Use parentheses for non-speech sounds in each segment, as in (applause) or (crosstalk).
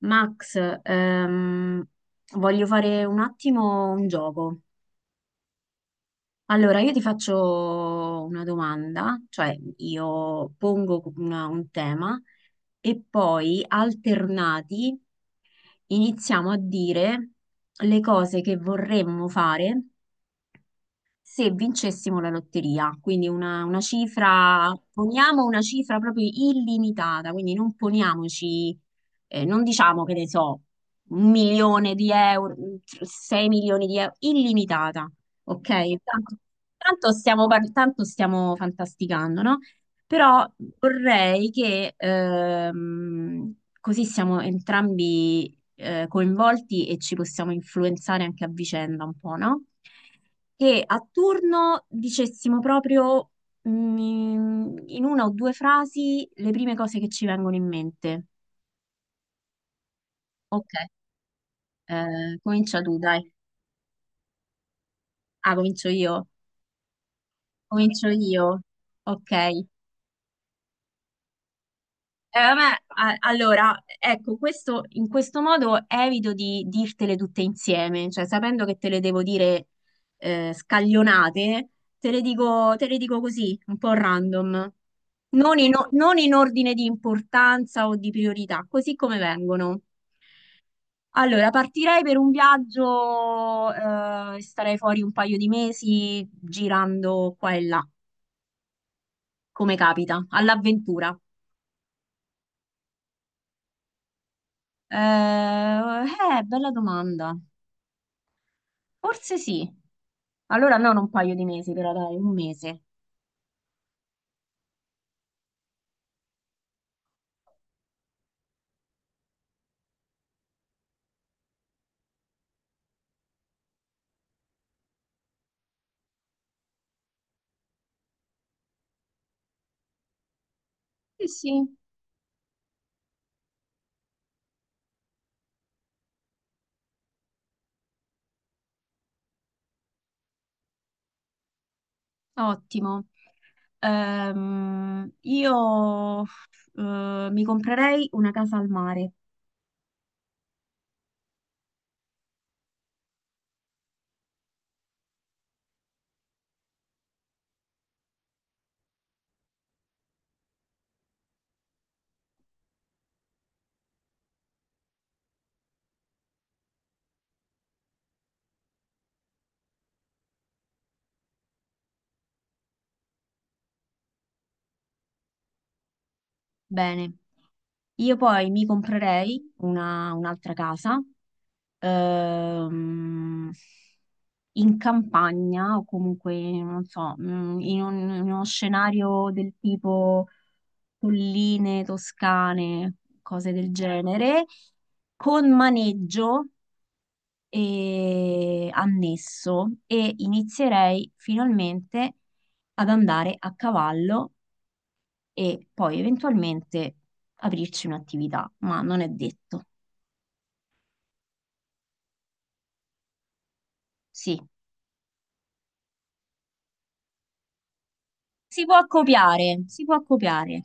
Max, ehm, voglio fare un attimo un gioco. Allora, io ti faccio una domanda, cioè io pongo un tema e poi alternati iniziamo a dire le cose che vorremmo fare se vincessimo la lotteria, quindi una cifra, poniamo una cifra proprio illimitata, quindi non poniamoci, non diciamo che ne so, un milione di euro, sei milioni di euro, illimitata, ok? Tanto, tanto tanto stiamo fantasticando, no? Però vorrei che così siamo entrambi coinvolti e ci possiamo influenzare anche a vicenda un po', no? Che a turno dicessimo proprio, mm, in una o due frasi le prime cose che ci vengono in mente. Ok, comincia tu, dai. Ah, comincio io. Comincio io. Ok. Allora, ecco, questo, in questo modo evito di dirtele tutte insieme, cioè sapendo che te le devo dire scaglionate, te le dico così, un po' random, non in ordine di importanza o di priorità, così come vengono. Allora, partirei per un viaggio, starei fuori un paio di mesi girando qua e là, come capita, all'avventura. Bella domanda. Forse sì. Allora non un paio di mesi, però dai, un mese. Sì, sì, ottimo. Io mi comprerei una casa al mare. Bene. Io poi mi comprerei un'altra casa, ehm, in campagna o comunque, non so, in uno scenario del tipo colline toscane, cose del genere, con maneggio, e annesso, e inizierei finalmente ad andare a cavallo e poi eventualmente aprirci un'attività, ma non è detto. Sì, si può copiare, si può copiare.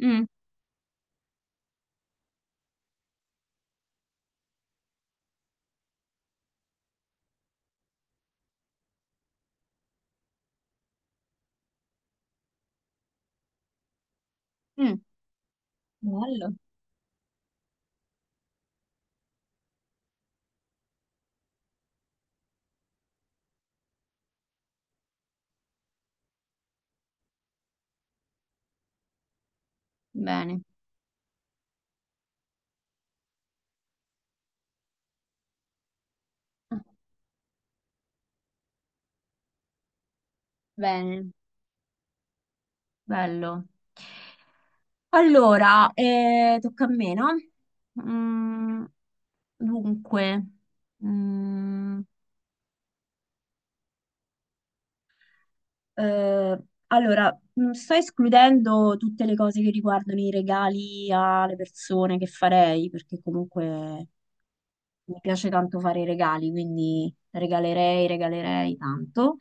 Mm, mm, bello, bene. Ah, bene, bello. Allora, tocca a me, no? Mm, dunque, mm, Eh, allora, sto escludendo tutte le cose che riguardano i regali alle persone che farei, perché comunque mi piace tanto fare i regali, quindi regalerei tanto.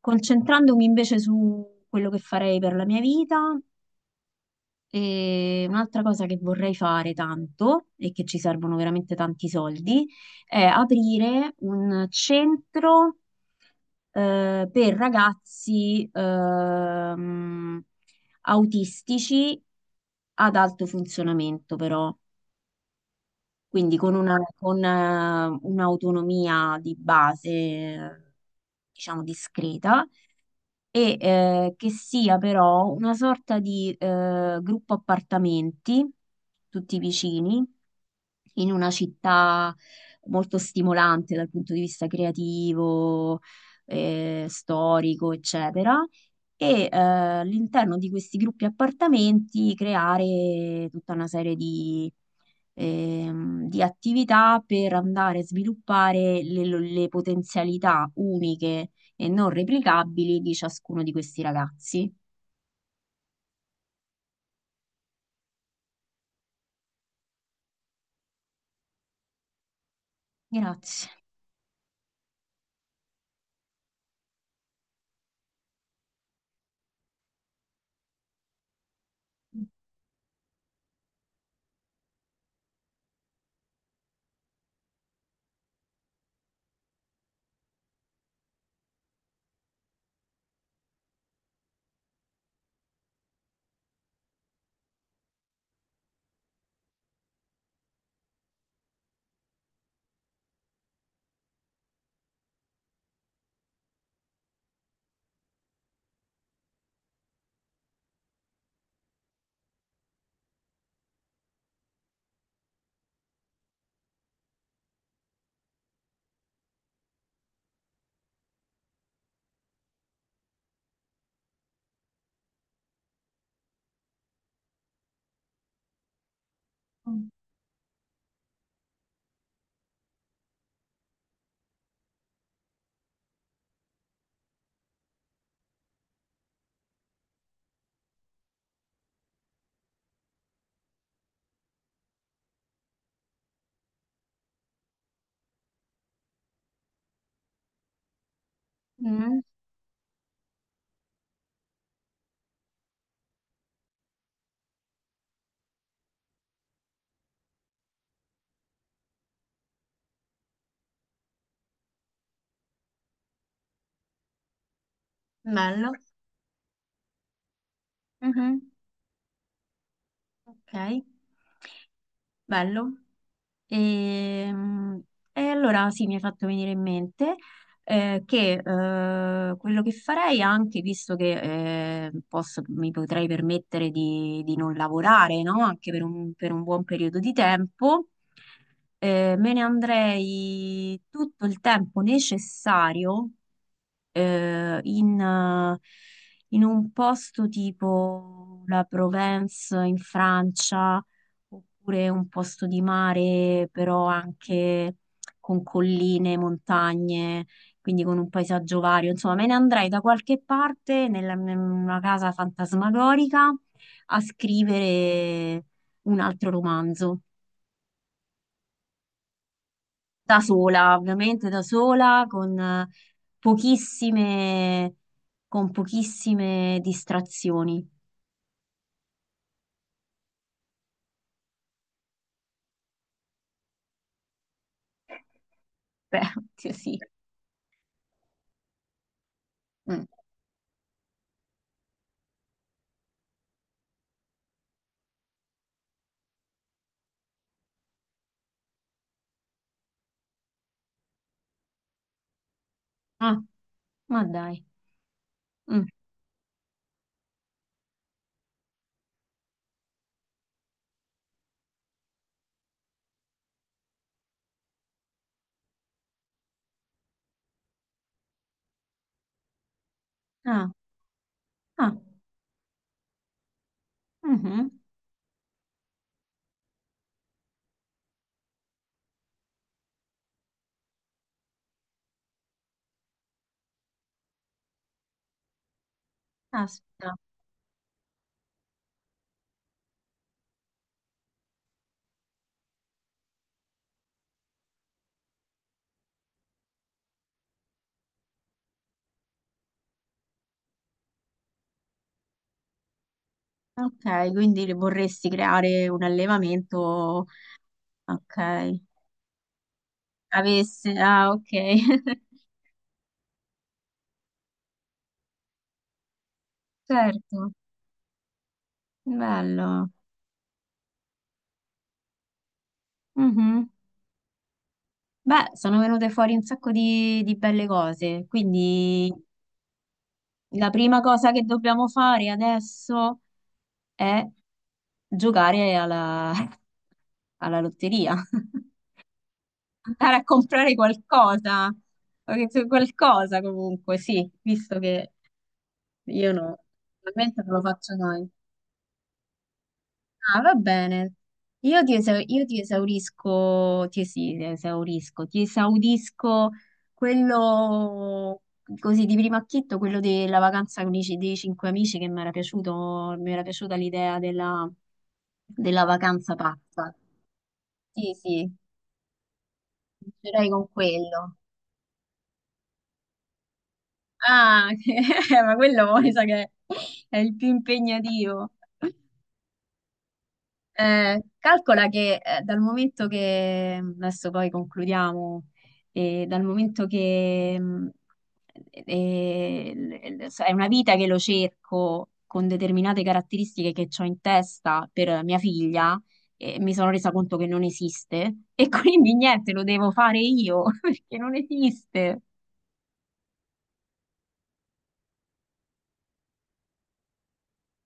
Concentrandomi invece su quello che farei per la mia vita, e un'altra cosa che vorrei fare tanto e che ci servono veramente tanti soldi è aprire un centro per ragazzi, autistici ad alto funzionamento, però, quindi con un'autonomia di base, diciamo, discreta, e che sia però una sorta di gruppo appartamenti, tutti vicini, in una città molto stimolante dal punto di vista creativo, storico, eccetera, e all'interno di questi gruppi appartamenti creare tutta una serie di attività per andare a sviluppare le potenzialità uniche e non replicabili di ciascuno di questi ragazzi. Grazie. Mm, bello. Mhm. Ok, bello. E, mm, e allora sì, mi hai fatto venire in mente che quello che farei anche, visto che mi potrei permettere di non lavorare, no? Anche per per un buon periodo di tempo, me ne andrei tutto il tempo necessario eh, in, eh, in un posto tipo la Provence in Francia, oppure un posto di mare, però anche con colline, montagne, quindi con un paesaggio vario. Insomma, me ne andrei da qualche parte, in una casa fantasmagorica, a scrivere un altro romanzo. Da sola, ovviamente da sola, con pochissime, con pochissime distrazioni. (laughs) Beh, oddio, sì. Mm. Ah, ma dai. Mm. Ah, ah, mhm. Aspetta. Ok, quindi le vorresti creare un allevamento. Ok. Avesse, ah, ok. (laughs) Certo, bello. Mhm. Beh, sono venute fuori un sacco di belle cose, quindi la prima cosa che dobbiamo fare adesso è giocare alla lotteria. (laughs) Andare a comprare qualcosa, qualcosa comunque, sì, visto che io no, normalmente non lo faccio noi. Ah, va bene. Io ti esaurisco, ti esaudisco quello così di primo acchitto, quello della vacanza con dei cinque amici che mi era piaciuta l'idea della vacanza pazza. Sì, sì. Vincerei con quello. Ah, (laughs) ma quello mi sa che è il più impegnativo. Calcola che dal momento che, mm, adesso poi concludiamo, dal momento che l- l- è una vita che lo cerco con determinate caratteristiche che ho in testa per mia figlia, mi sono resa conto che non esiste (laughs) e quindi niente, lo devo fare io (laughs) perché non esiste.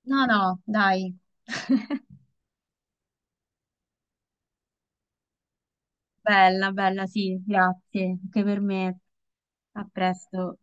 No, no, dai. (laughs) Bella, bella, sì, grazie, anche per me. A presto.